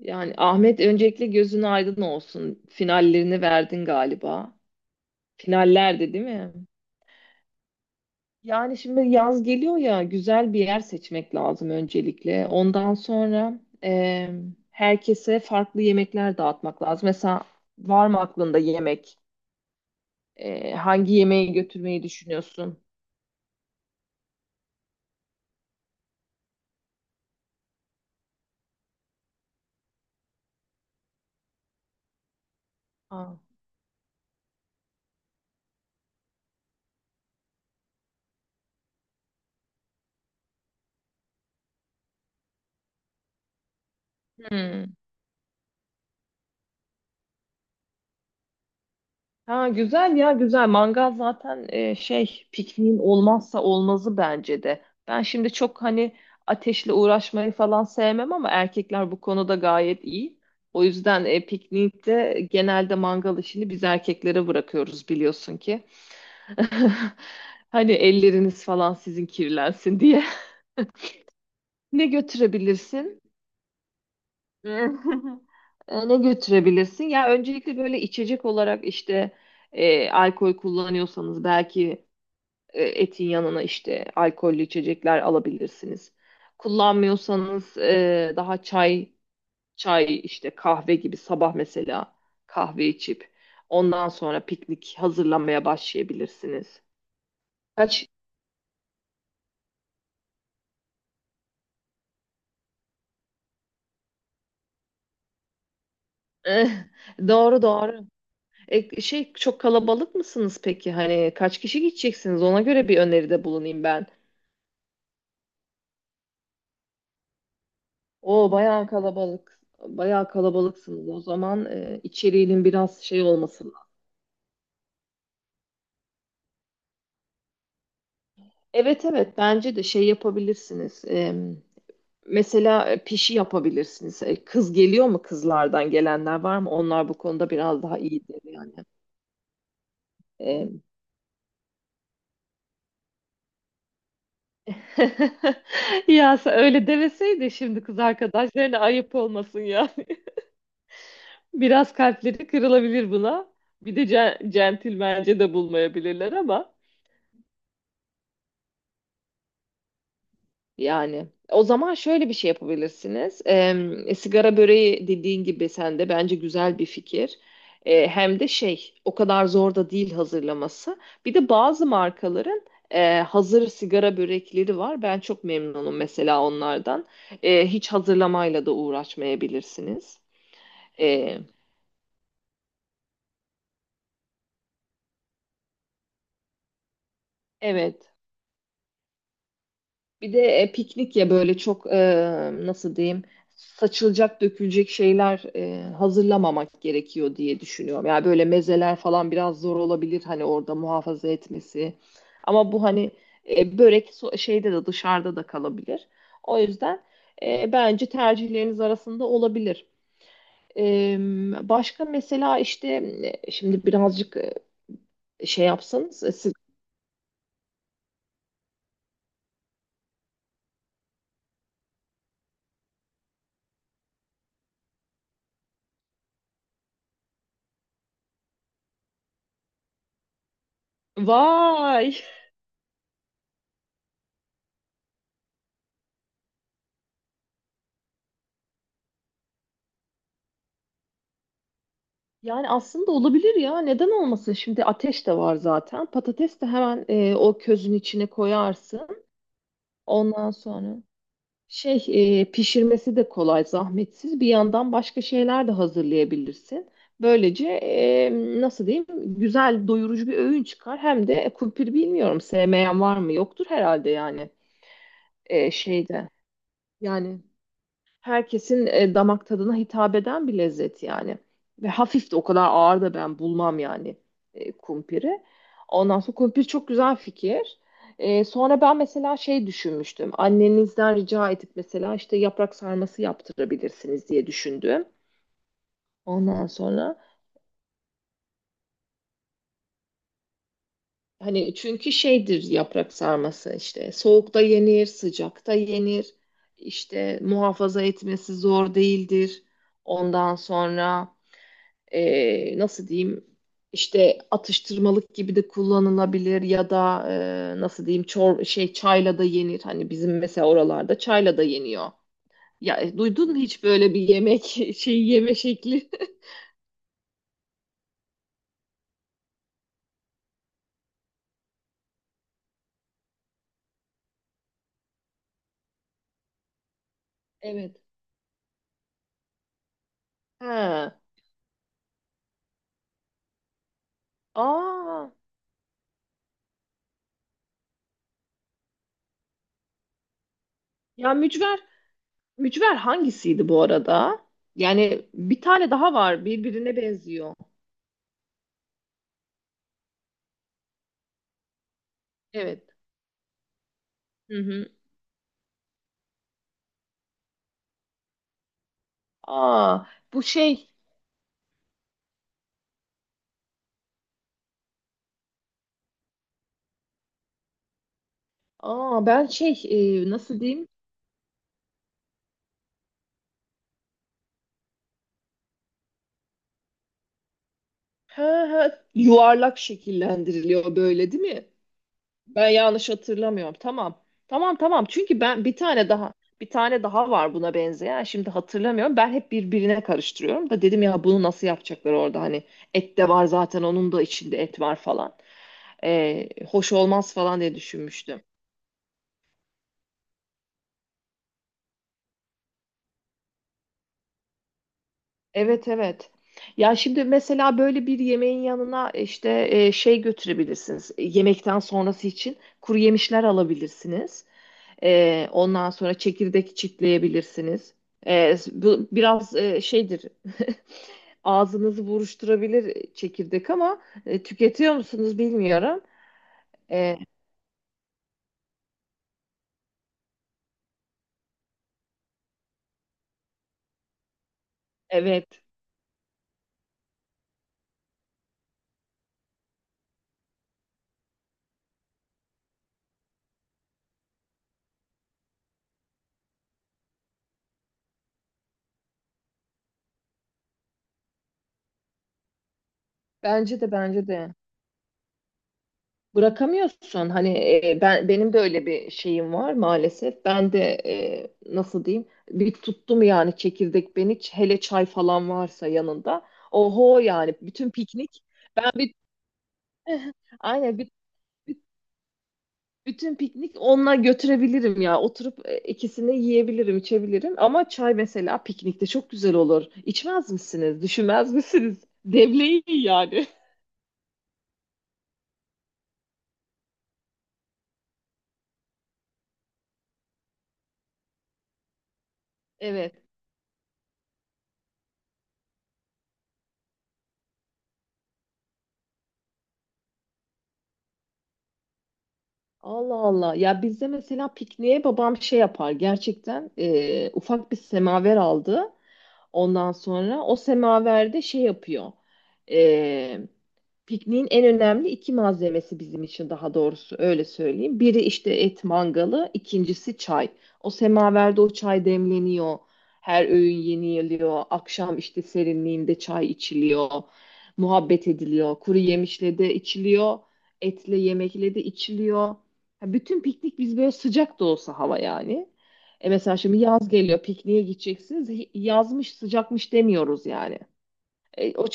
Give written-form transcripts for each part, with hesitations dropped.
Yani Ahmet öncelikle gözün aydın olsun. Finallerini verdin galiba. Finallerde değil mi? Yani şimdi yaz geliyor ya güzel bir yer seçmek lazım öncelikle. Ondan sonra herkese farklı yemekler dağıtmak lazım. Mesela var mı aklında yemek? Hangi yemeği götürmeyi düşünüyorsun? Aa. Hmm. Ha güzel ya güzel. Mangal zaten şey pikniğin olmazsa olmazı bence de. Ben şimdi çok hani ateşle uğraşmayı falan sevmem ama erkekler bu konuda gayet iyi. O yüzden piknikte genelde mangal işini biz erkeklere bırakıyoruz biliyorsun ki. Hani elleriniz falan sizin kirlensin diye. Ne götürebilirsin? Ne götürebilirsin? Ya öncelikle böyle içecek olarak işte alkol kullanıyorsanız belki etin yanına işte alkollü içecekler alabilirsiniz. Kullanmıyorsanız daha çay, çay işte kahve gibi sabah mesela kahve içip ondan sonra piknik hazırlamaya başlayabilirsiniz. Kaç. Eh, doğru doğru. Şey çok kalabalık mısınız peki? Hani kaç kişi gideceksiniz? Ona göre bir öneride bulunayım ben. O bayağı kalabalık. Bayağı kalabalıksınız. O zaman içeriğinin biraz şey olması. Evet, evet, bence de şey yapabilirsiniz. Mesela pişi yapabilirsiniz. Kız geliyor mu kızlardan gelenler var mı? Onlar bu konuda biraz daha iyidir yani. Ee, Ya sen öyle demeseydi şimdi kız arkadaşlarına ayıp olmasın yani. Biraz kalpleri kırılabilir buna. Bir de centilmence de bulmayabilirler ama. Yani o zaman şöyle bir şey yapabilirsiniz. Sigara böreği dediğin gibi sen de bence güzel bir fikir. Hem de şey o kadar zor da değil hazırlaması. Bir de bazı markaların hazır sigara börekleri var. Ben çok memnunum mesela onlardan. Hiç hazırlamayla da uğraşmayabilirsiniz. E, evet. Bir de piknik ya böyle çok nasıl diyeyim saçılacak dökülecek şeyler hazırlamamak gerekiyor diye düşünüyorum. Yani böyle mezeler falan biraz zor olabilir hani orada muhafaza etmesi. Ama bu hani börek şeyde de dışarıda da kalabilir. O yüzden bence tercihleriniz arasında olabilir. E, başka mesela işte şimdi birazcık şey yapsanız. Vay! Yani aslında olabilir ya. Neden olmasın? Şimdi ateş de var zaten. Patates de hemen o közün içine koyarsın. Ondan sonra şey pişirmesi de kolay, zahmetsiz. Bir yandan başka şeyler de hazırlayabilirsin. Böylece nasıl diyeyim? Güzel, doyurucu bir öğün çıkar. Hem de kumpir bilmiyorum sevmeyen var mı? Yoktur herhalde yani şeyde. Yani herkesin damak tadına hitap eden bir lezzet yani. Ve hafif de o kadar ağır da ben bulmam yani kumpiri. Ondan sonra kumpir çok güzel fikir. Sonra ben mesela şey düşünmüştüm. Annenizden rica edip mesela işte yaprak sarması yaptırabilirsiniz diye düşündüm. Ondan sonra hani çünkü şeydir yaprak sarması işte soğukta yenir, sıcakta yenir. İşte muhafaza etmesi zor değildir. Ondan sonra nasıl diyeyim işte atıştırmalık gibi de kullanılabilir ya da nasıl diyeyim çor şey çayla da yenir. Hani bizim mesela oralarda çayla da yeniyor. Ya duydun mu hiç böyle bir yemek şeyi yeme şekli? Evet. Ha. Aa. Ya mücver hangisiydi bu arada? Yani bir tane daha var birbirine benziyor. Evet. Hı hı. Aa, bu şey. Aa ben şey nasıl diyeyim? He he yuvarlak şekillendiriliyor böyle değil mi? Ben yanlış hatırlamıyorum. Tamam. Tamam, tamam. Çünkü ben bir tane daha var buna benzeyen. Şimdi hatırlamıyorum. Ben hep birbirine karıştırıyorum da dedim ya bunu nasıl yapacaklar orada hani et de var zaten onun da içinde et var falan. Hoş olmaz falan diye düşünmüştüm. Evet, evet. Ya şimdi mesela böyle bir yemeğin yanına işte şey götürebilirsiniz. Yemekten sonrası için kuru yemişler alabilirsiniz. Ondan sonra çekirdek çitleyebilirsiniz. Bu biraz şeydir. Ağzınızı buruşturabilir çekirdek ama tüketiyor musunuz bilmiyorum. E, evet. Bence de, bence de. Bırakamıyorsun. Hani ben benim de öyle bir şeyim var maalesef. Ben de nasıl diyeyim? Bir tuttum yani çekirdek beni. Hele çay falan varsa yanında. Oho yani bütün piknik. Ben bir aynen bütün piknik onunla götürebilirim ya. Oturup ikisini yiyebilirim, içebilirim. Ama çay mesela piknikte çok güzel olur. İçmez misiniz? Düşünmez misiniz? Devleyin yani. Evet. Allah Allah. Ya bizde mesela pikniğe babam şey yapar. Gerçekten ufak bir semaver aldı. Ondan sonra o semaverde şey yapıyor. Ee, pikniğin en önemli iki malzemesi bizim için daha doğrusu öyle söyleyeyim. Biri işte et mangalı, ikincisi çay. O semaverde o çay demleniyor. Her öğün yeniliyor. Akşam işte serinliğinde çay içiliyor. Muhabbet ediliyor. Kuru yemişle de içiliyor. Etle yemekle de içiliyor. Ha, bütün piknik biz böyle sıcak da olsa hava yani. Mesela şimdi yaz geliyor, pikniğe gideceksiniz. Yazmış, sıcakmış demiyoruz yani. E, o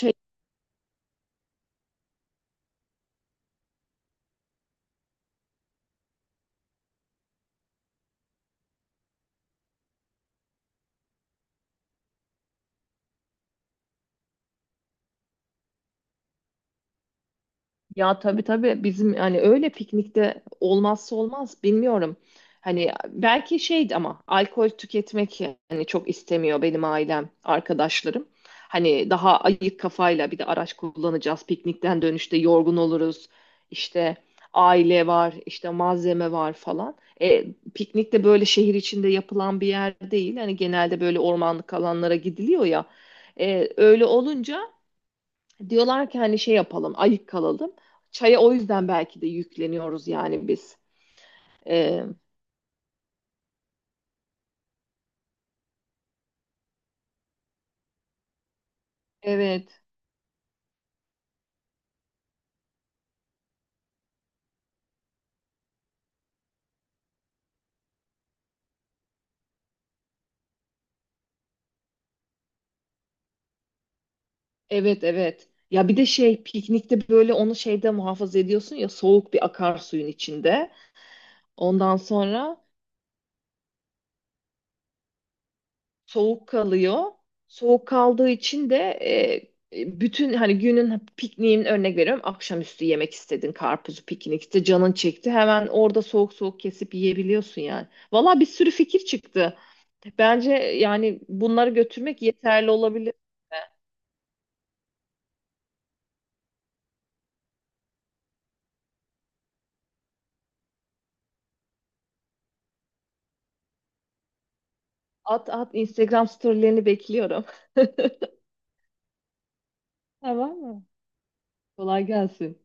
Ya tabii, tabii bizim hani öyle piknikte olmazsa olmaz bilmiyorum. Hani belki şeydi ama alkol tüketmek yani çok istemiyor benim ailem, arkadaşlarım. Hani daha ayık kafayla bir de araç kullanacağız. Piknikten dönüşte yorgun oluruz. İşte aile var, işte malzeme var falan. Piknik de böyle şehir içinde yapılan bir yer değil. Hani genelde böyle ormanlık alanlara gidiliyor ya. Öyle olunca. Diyorlar ki hani şey yapalım, ayık kalalım. Çaya o yüzden belki de yükleniyoruz yani biz. Ee, evet, evet, evet. Ya bir de şey piknikte böyle onu şeyde muhafaza ediyorsun ya soğuk bir akarsuyun içinde. Ondan sonra soğuk kalıyor. Soğuk kaldığı için de bütün hani günün pikniğin örnek veriyorum akşamüstü yemek istedin karpuzu piknikte canın çekti hemen orada soğuk soğuk kesip yiyebiliyorsun yani. Valla bir sürü fikir çıktı. Bence yani bunları götürmek yeterli olabilir. At at Instagram storylerini bekliyorum. Tamam mı? Kolay gelsin.